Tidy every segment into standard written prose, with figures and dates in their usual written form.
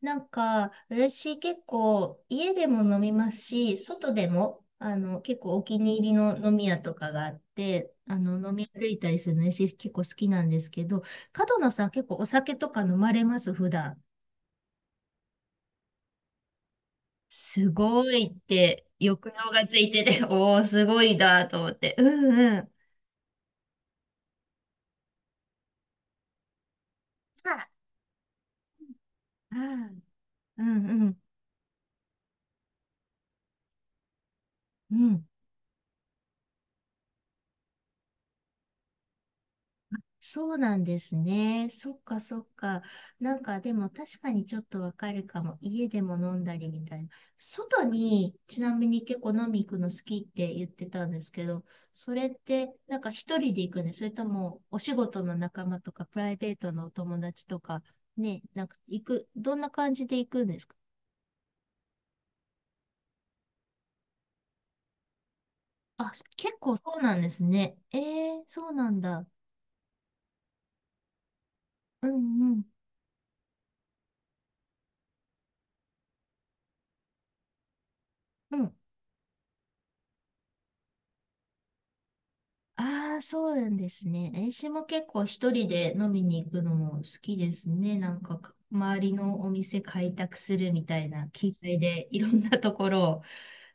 なんか、私結構家でも飲みますし、外でも、結構お気に入りの飲み屋とかがあって、飲み歩いたりするのね私結構好きなんですけど、角野さん結構お酒とか飲まれます、普段？すごいって、抑揚がついてて、おー、すごいだと思って。うんうん。あ、あ、うんうん。うん。そうなんですね。そっかそっか。なんかでも確かにちょっとわかるかも。家でも飲んだりみたいな。外にちなみに結構飲み行くの好きって言ってたんですけど、それってなんか一人で行くね。それともお仕事の仲間とかプライベートのお友達とかね、なんか行く、どんな感じで行くんですか？あ、結構そうなんですね。そうなんだ。うんうん。うん。ああ、そうなんですね。私も結構一人で飲みに行くのも好きですね。なんかか、周りのお店開拓するみたいな気概で、いろんなところを、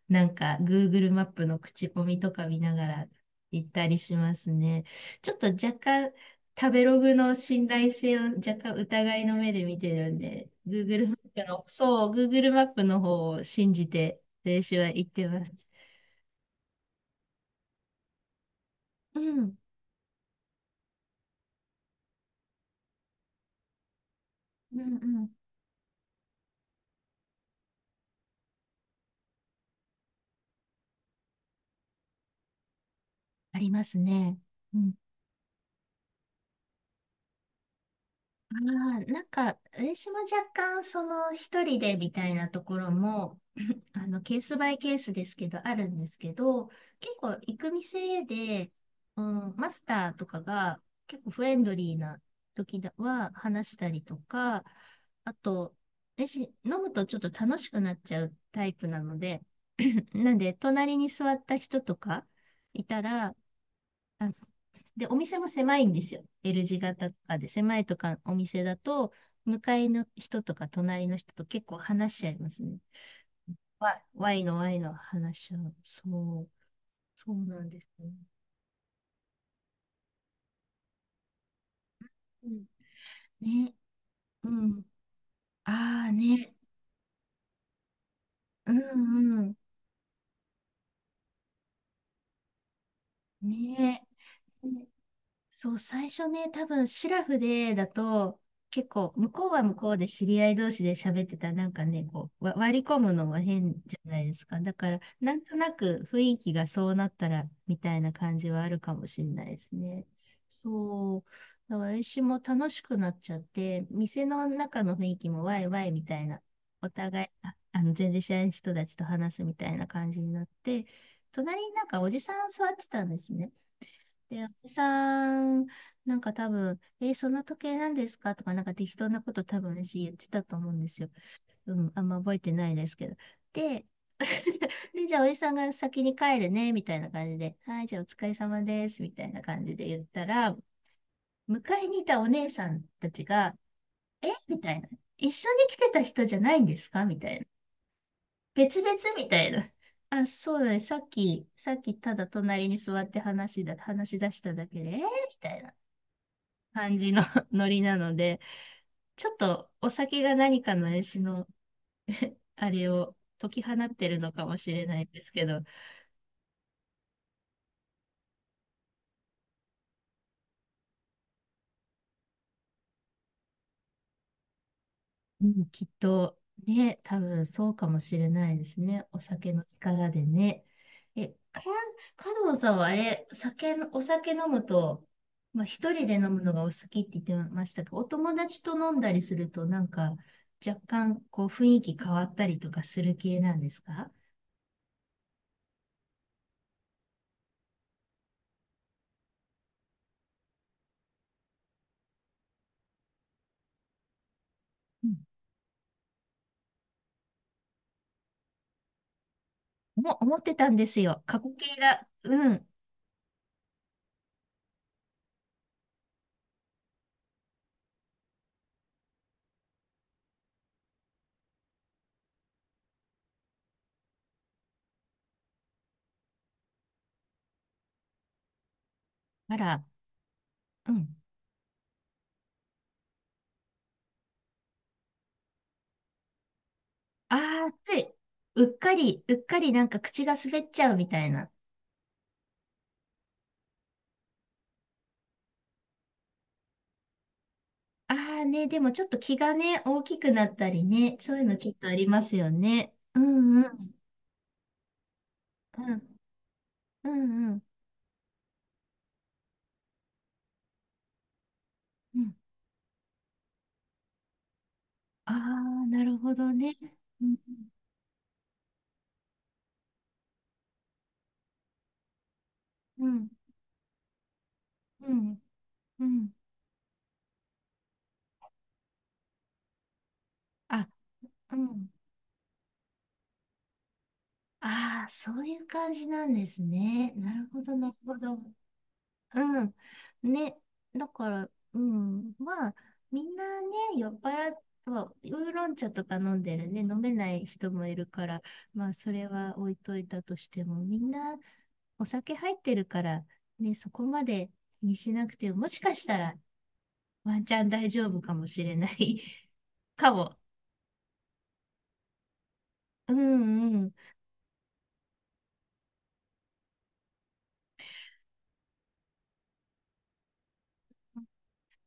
なんか、Google マップの口コミとか見ながら行ったりしますね。ちょっと若干、食べログの信頼性を若干疑いの目で見てるんで、Google マップの、そう、Google マップの方を信じて、練習は行ってます。うん、うん、うん。ありますね。うん。なんか、私も若干、その、一人でみたいなところも、ケースバイケースですけど、あるんですけど、結構、行く店で、うん、マスターとかが、結構フレンドリーな時だは、話したりとか、あと、私、飲むとちょっと楽しくなっちゃうタイプなので、なんで、隣に座った人とかいたら、あので、お店も狭いんですよ。L 字型とかで、狭いとかお店だと、向かいの人とか隣の人と結構話し合いますね。わ Y の Y の話し合う。そう、そうなんですね。うん。ね、うん。ああね、うんうん。ね。そう、最初ね、多分シラフでだと、結構、向こうは向こうで知り合い同士で喋ってたら、なんかね、こう、割り込むのは変じゃないですか。だから、なんとなく雰囲気がそうなったら、みたいな感じはあるかもしれないですね。そう。だから私も楽しくなっちゃって、店の中の雰囲気もワイワイみたいな、お互い、あ、全然知らない人たちと話すみたいな感じになって、隣になんかおじさん座ってたんですね。で、おじさん、なんか多分、その時計なんですかとか、なんか適当なこと多分私言ってたと思うんですよ。うん、あんま覚えてないですけど。で、で、じゃあおじさんが先に帰るね、みたいな感じで、はい、じゃあお疲れ様です、みたいな感じで言ったら、迎えにいたお姉さんたちが、えみたいな。一緒に来てた人じゃないんですか？みたいな。別々みたいな。あ、そうだね。さっきただ隣に座って話し出しただけで、えみたいな。感じの ノリなので、ちょっとお酒が何かの絵師のあれを解き放ってるのかもしれないですけど、うん、きっとね、多分そうかもしれないですね。お酒の力でね。え、か、角野さんはあれ、お酒飲むと、まあ、一人で飲むのがお好きって言ってましたけど、お友達と飲んだりすると、なんか、若干、こう、雰囲気変わったりとかする系なんですか？思ってたんですよ。過去形だ。うん。あら、うん。ああ、つい、うっかり、うっかりなんか口が滑っちゃうみたいな。ああね、でもちょっと気がね、大きくなったりね、そういうのちょっとありますよね。うんうん。うん。うんうん。うん。ああ、なるほどね。うん。うん。うん。うん。あ、うん。ああ、そういう感じなんですね。なるほど、なるほど。うん。ね。だから、うん。まあ、みんなね、酔っ払っては、ウーロン茶とか飲んでるね、飲めない人もいるから、まあ、それは置いといたとしても、みんなお酒入ってるから、ね、そこまで気にしなくても、もしかしたらワンチャン大丈夫かもしれない かも。うんうん。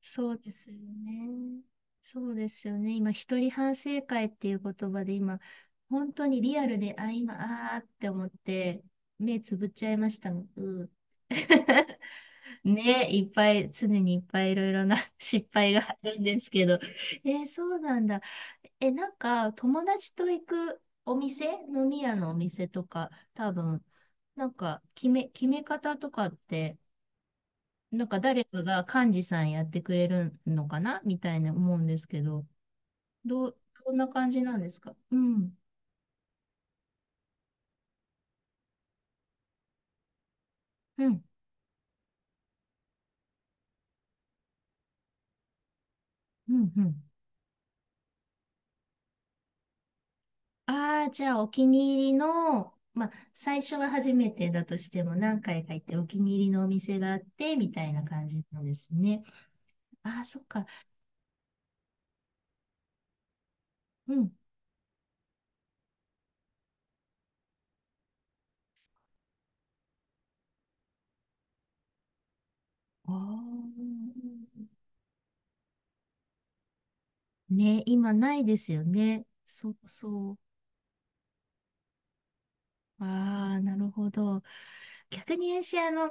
そうですよね。そうですよね。今、一人反省会っていう言葉で今、本当にリアルで、あ、今、あーって思って、目つぶっちゃいましたもん。ね、いっぱい、常にいっぱいいろいろな 失敗があるんですけど。そうなんだ。え、なんか、友達と行くお店、飲み屋のお店とか、多分、なんか、決め方とかって、なんか誰かが幹事さんやってくれるのかなみたいな思うんですけど、どう、どんな感じなんですか？うん、うん、うん、うん。ああ、じゃあお気に入りの、まあ、最初は初めてだとしても何回か行ってお気に入りのお店があって、みたいな感じなんですね。ああ、そっか。うん。ああ、ね、今ないですよね。そうそう。ああ、なるほど。逆に私、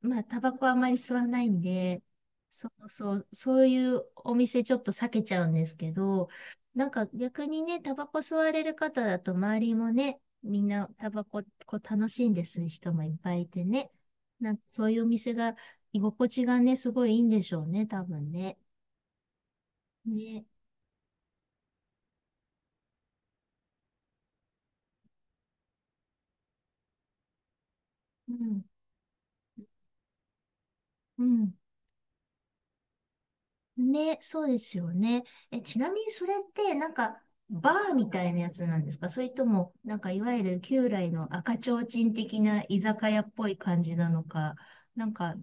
まあ、タバコはあまり吸わないんで、そうそう、そういうお店ちょっと避けちゃうんですけど、なんか逆にね、タバコ吸われる方だと周りもね、みんなタバコこう楽しんでする人もいっぱいいてね、なんかそういうお店が居心地がね、すごいいいんでしょうね、多分ね。ね。うん。うん。ね、そうですよね。え、ちなみにそれって、なんか、バーみたいなやつなんですか？それとも、なんか、いわゆる旧来の赤ちょうちん的な居酒屋っぽい感じなのか、なんか、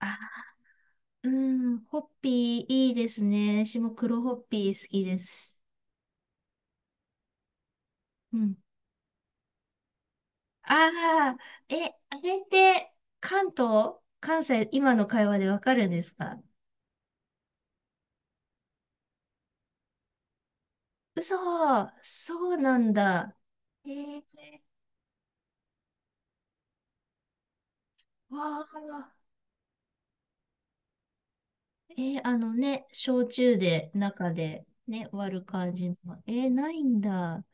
あ、うん、ホッピーいいですね。私も黒ホッピー好きです。うん。ああ、え、あれって、関東、関西、今の会話でわかるんですか？嘘、そうなんだ。えー、わあ。あのね、焼酎で、中でね、割る感じの。ないんだ。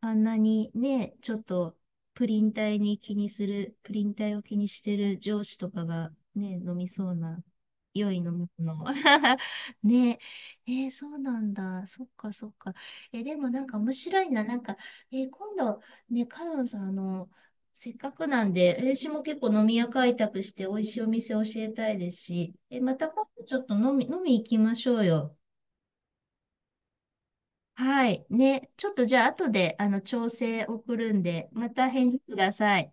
あんなにね、ちょっとプリン体を気にしてる上司とかがね、飲みそうな、良い飲み物。ねえ、そうなんだ。そっかそっか。でもなんか面白いな。なんか、今度、ね、カノンさん、せっかくなんで、私も結構飲み屋開拓して美味しいお店教えたいですし、また今度ちょっと飲み行きましょうよ。はい。ね。ちょっとじゃあ、後で、調整送るんで、また返事ください。